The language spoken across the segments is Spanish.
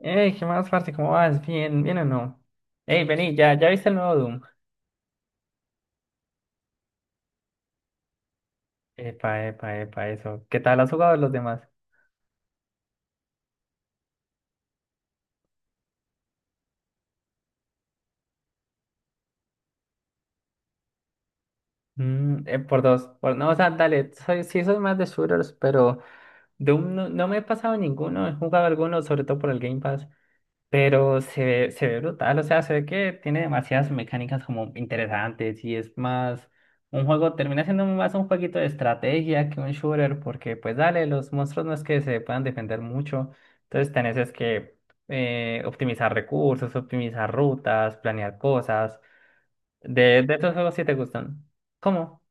Ey, ¿qué más, parce? ¿Cómo vas? ¿Bien, bien o no? Ey, vení, ¿ya viste el nuevo Doom? Epa, epa, epa, eso. ¿Qué tal has jugado los demás? Mm, por dos. Por, no, o sea, dale, sí soy más de shooters, pero Doom no me he pasado ninguno, he jugado algunos, sobre todo por el Game Pass. Pero se ve brutal, o sea, se ve que tiene demasiadas mecánicas como interesantes y es más un juego, termina siendo más un jueguito de estrategia que un shooter, porque pues dale, los monstruos no es que se puedan defender mucho, entonces tenés es que optimizar recursos, optimizar rutas, planear cosas. De estos juegos sí te gustan. ¿Cómo?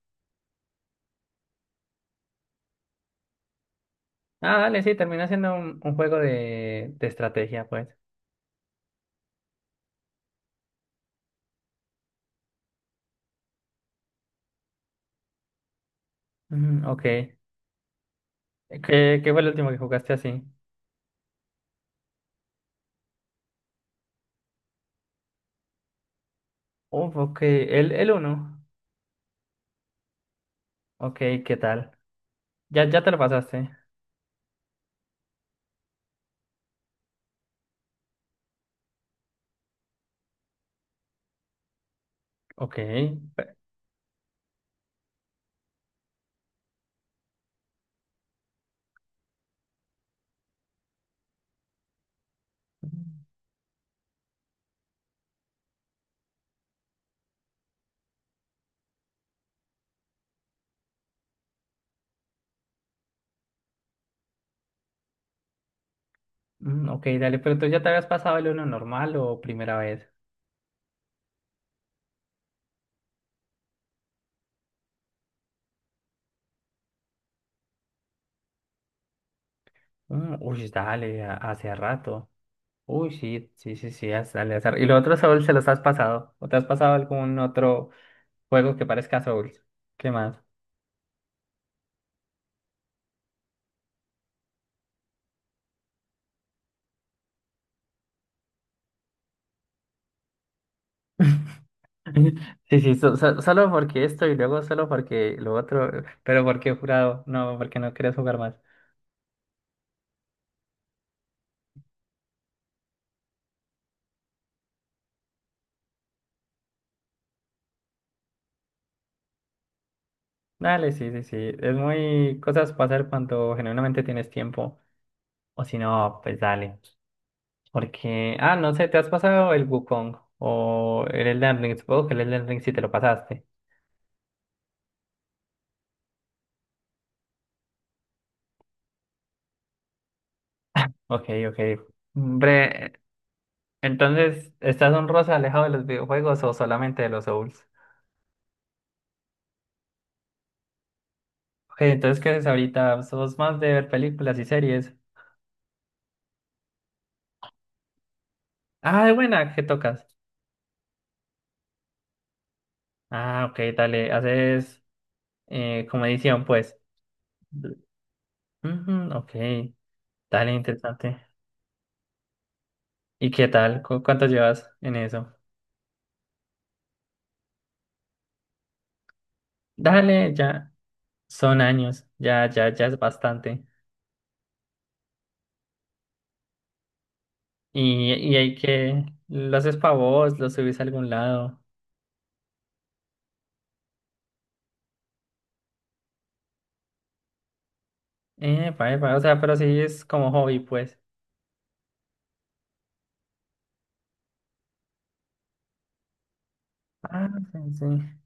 Ah, dale, sí, termina siendo un juego de estrategia, pues. Mm, ok. ¿Qué fue el último que jugaste así? Uf, ok, el uno. Ok, ¿qué tal? Ya te lo pasaste. Ok. pe- mm, ok, dale, pero entonces ya te habías pasado el uno normal o primera vez. Mm, uy, dale, hace rato. Uy, sí, sí, sí, sí, dale, hace… ¿Y los otros Souls se los has pasado? ¿O te has pasado algún otro juego que parezca Souls? ¿Qué más? Sí, sí, solo porque esto y luego solo porque lo otro, pero porque he jurado, no, porque no quieres jugar más. Dale, sí, sí, sí, es muy cosas pasar cuando genuinamente tienes tiempo. O si no, pues dale. Porque, ah, no sé, ¿te has pasado el Wukong o el Elden Ring? Supongo que el Elden Ring sí te lo pasaste. Ok, ok. Hombre, entonces, ¿estás un rosa alejado de los videojuegos o solamente de los Souls? Ok, entonces, ¿qué haces ahorita? ¿Sos más de ver películas y series? Ah, de buena, ¿qué tocas? Ah, ok, dale, haces como edición, pues. Ujú, ok, dale, interesante. ¿Y qué tal? ¿Cuánto llevas en eso? Dale, ya. Son años, ya, ya, ya es bastante. Y hay que, los haces para vos, los subís a algún lado. Para, o sea, pero sí es como hobby, pues. Ah, sí, sí.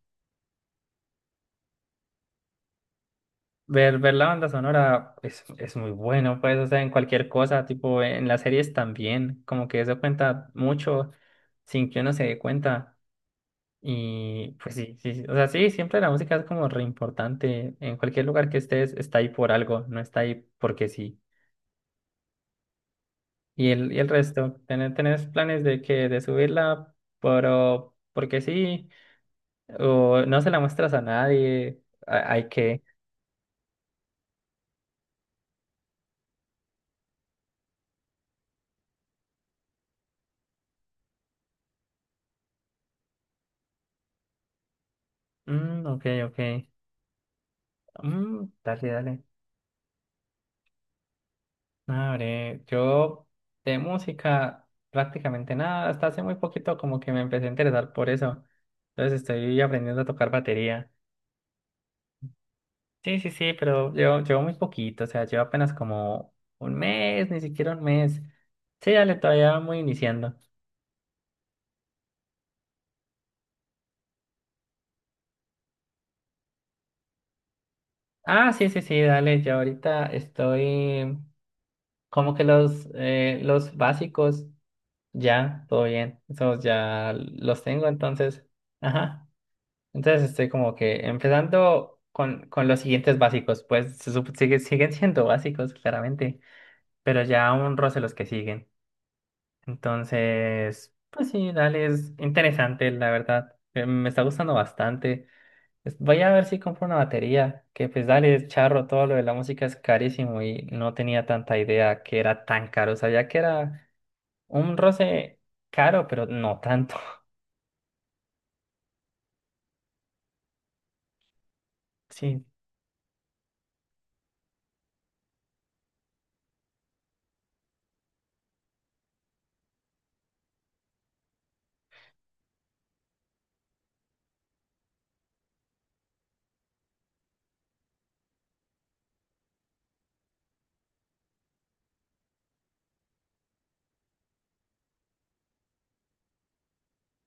Ver la banda sonora es muy bueno, pues, o sea, en cualquier cosa, tipo en las series también, como que eso cuenta mucho sin que uno se dé cuenta. Y pues sí, sí, sí, o sea, sí, siempre la música es como re importante. En cualquier lugar que estés, está ahí por algo, no está ahí porque sí. Y el resto, tenés planes de que de subirla, pero porque sí? ¿O no se la muestras a nadie? Hay que… Mm, ok, ok. Mm, dale, dale. Abre, yo de música prácticamente nada, hasta hace muy poquito como que me empecé a interesar por eso. Entonces estoy aprendiendo a tocar batería. Sí, sí, sí, pero llevo muy poquito, o sea, llevo apenas como un mes, ni siquiera un mes. Sí, dale, todavía muy iniciando. Ah, sí, sí, sí, dale, yo ahorita estoy como que los básicos ya, todo bien, esos ya los tengo, entonces, ajá, entonces estoy como que empezando con los siguientes básicos, pues siguen siendo básicos, claramente, pero ya un roce los que siguen, entonces, pues sí, dale, es interesante, la verdad, me está gustando bastante. Voy a ver si compro una batería, que pues dale, es charro, todo lo de la música es carísimo y no tenía tanta idea que era tan caro. Sabía que era un roce caro, pero no tanto. Sí,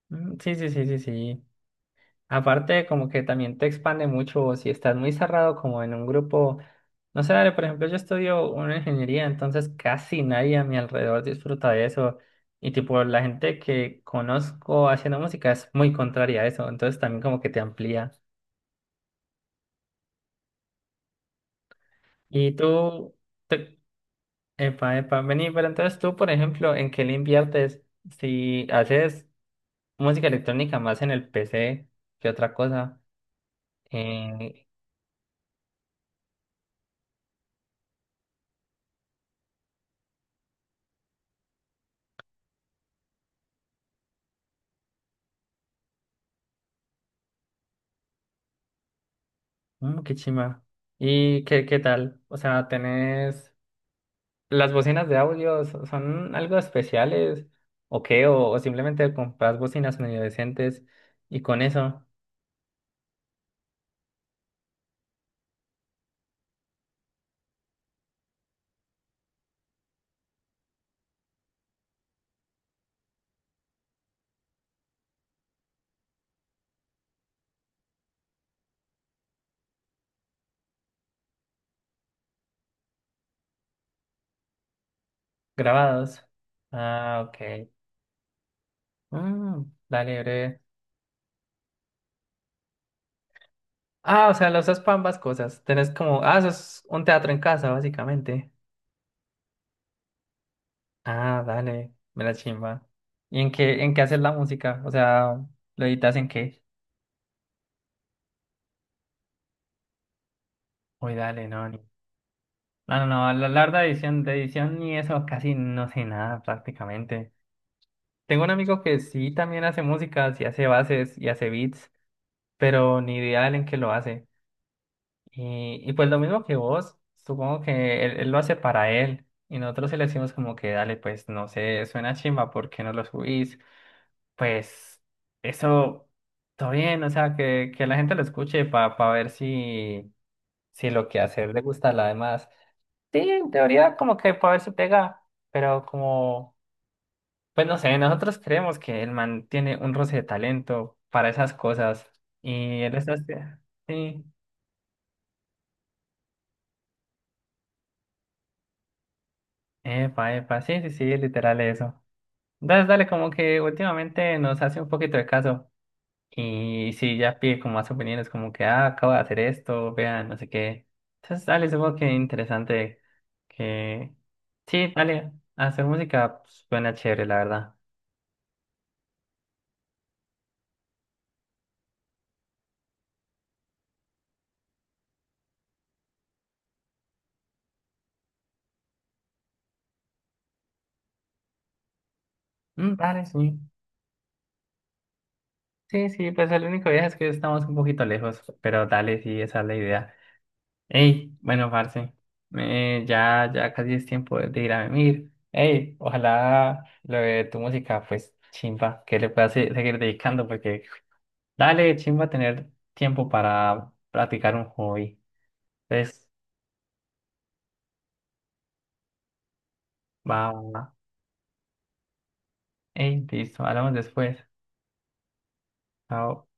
mm, sí, sí, sí, sí, sí. Aparte, como que también te expande mucho si estás muy cerrado como en un grupo. No sé, dale, por ejemplo, yo estudio una ingeniería, entonces casi nadie a mi alrededor disfruta de eso. Y tipo, la gente que conozco haciendo música es muy contraria a eso, entonces también como que te amplía. Y tú, te- epa, epa, vení, pero entonces tú, por ejemplo, ¿en qué le inviertes? Si haces música electrónica más en el PC que otra cosa, eh, mm, qué chima. ¿Y qué tal? O sea, ¿tenés las bocinas de audio? ¿Son algo especiales? ¿O qué? O simplemente compras bocinas medio decentes y con eso grabados? Ah, ok. Mm, dale, breve. Ah, o sea, lo usas para ambas cosas. Tenés como, ah, eso es un teatro en casa, básicamente. Ah, dale, me la chimba. ¿Y en qué haces la música? O sea, ¿lo editas en qué? Uy, dale, no, ni… No, no, no, la larga edición, de edición ni eso, casi no sé nada prácticamente. Tengo un amigo que sí también hace música, sí hace bases y hace beats, pero ni idea de él en qué lo hace. Y pues lo mismo que vos, supongo que él lo hace para él. Y nosotros sí le decimos como que dale, pues no sé, suena chimba, ¿por qué no lo subís? Pues eso, todo bien, o sea, que la gente lo escuche para ver si, si lo que hacer le gusta a la demás. Sí, en teoría como que para ver si pega, pero como, pues no sé, nosotros creemos que el man tiene un roce de talento para esas cosas. Y él está… Sí, epa, epa, sí, sí, sí, literal eso. Entonces, dale, como que últimamente nos hace un poquito de caso. Y sí, ya pide como más opiniones, como que, ah, acabo de hacer esto, vean, no sé qué. Entonces, dale, supongo que interesante que… Sí, dale, hacer música pues, suena chévere, la verdad. Mm, dale, sí. Sí, sí, pues el único viaje es que estamos un poquito lejos, pero dale, sí, esa es la idea. Hey, bueno, parce, ya casi es tiempo de ir a venir. Hey, ojalá lo de tu música, pues, chimba, que le puedas seguir dedicando, porque dale, chimba, tener tiempo para practicar un hobby. Entonces, va, hey, listo, hablamos después. Chao.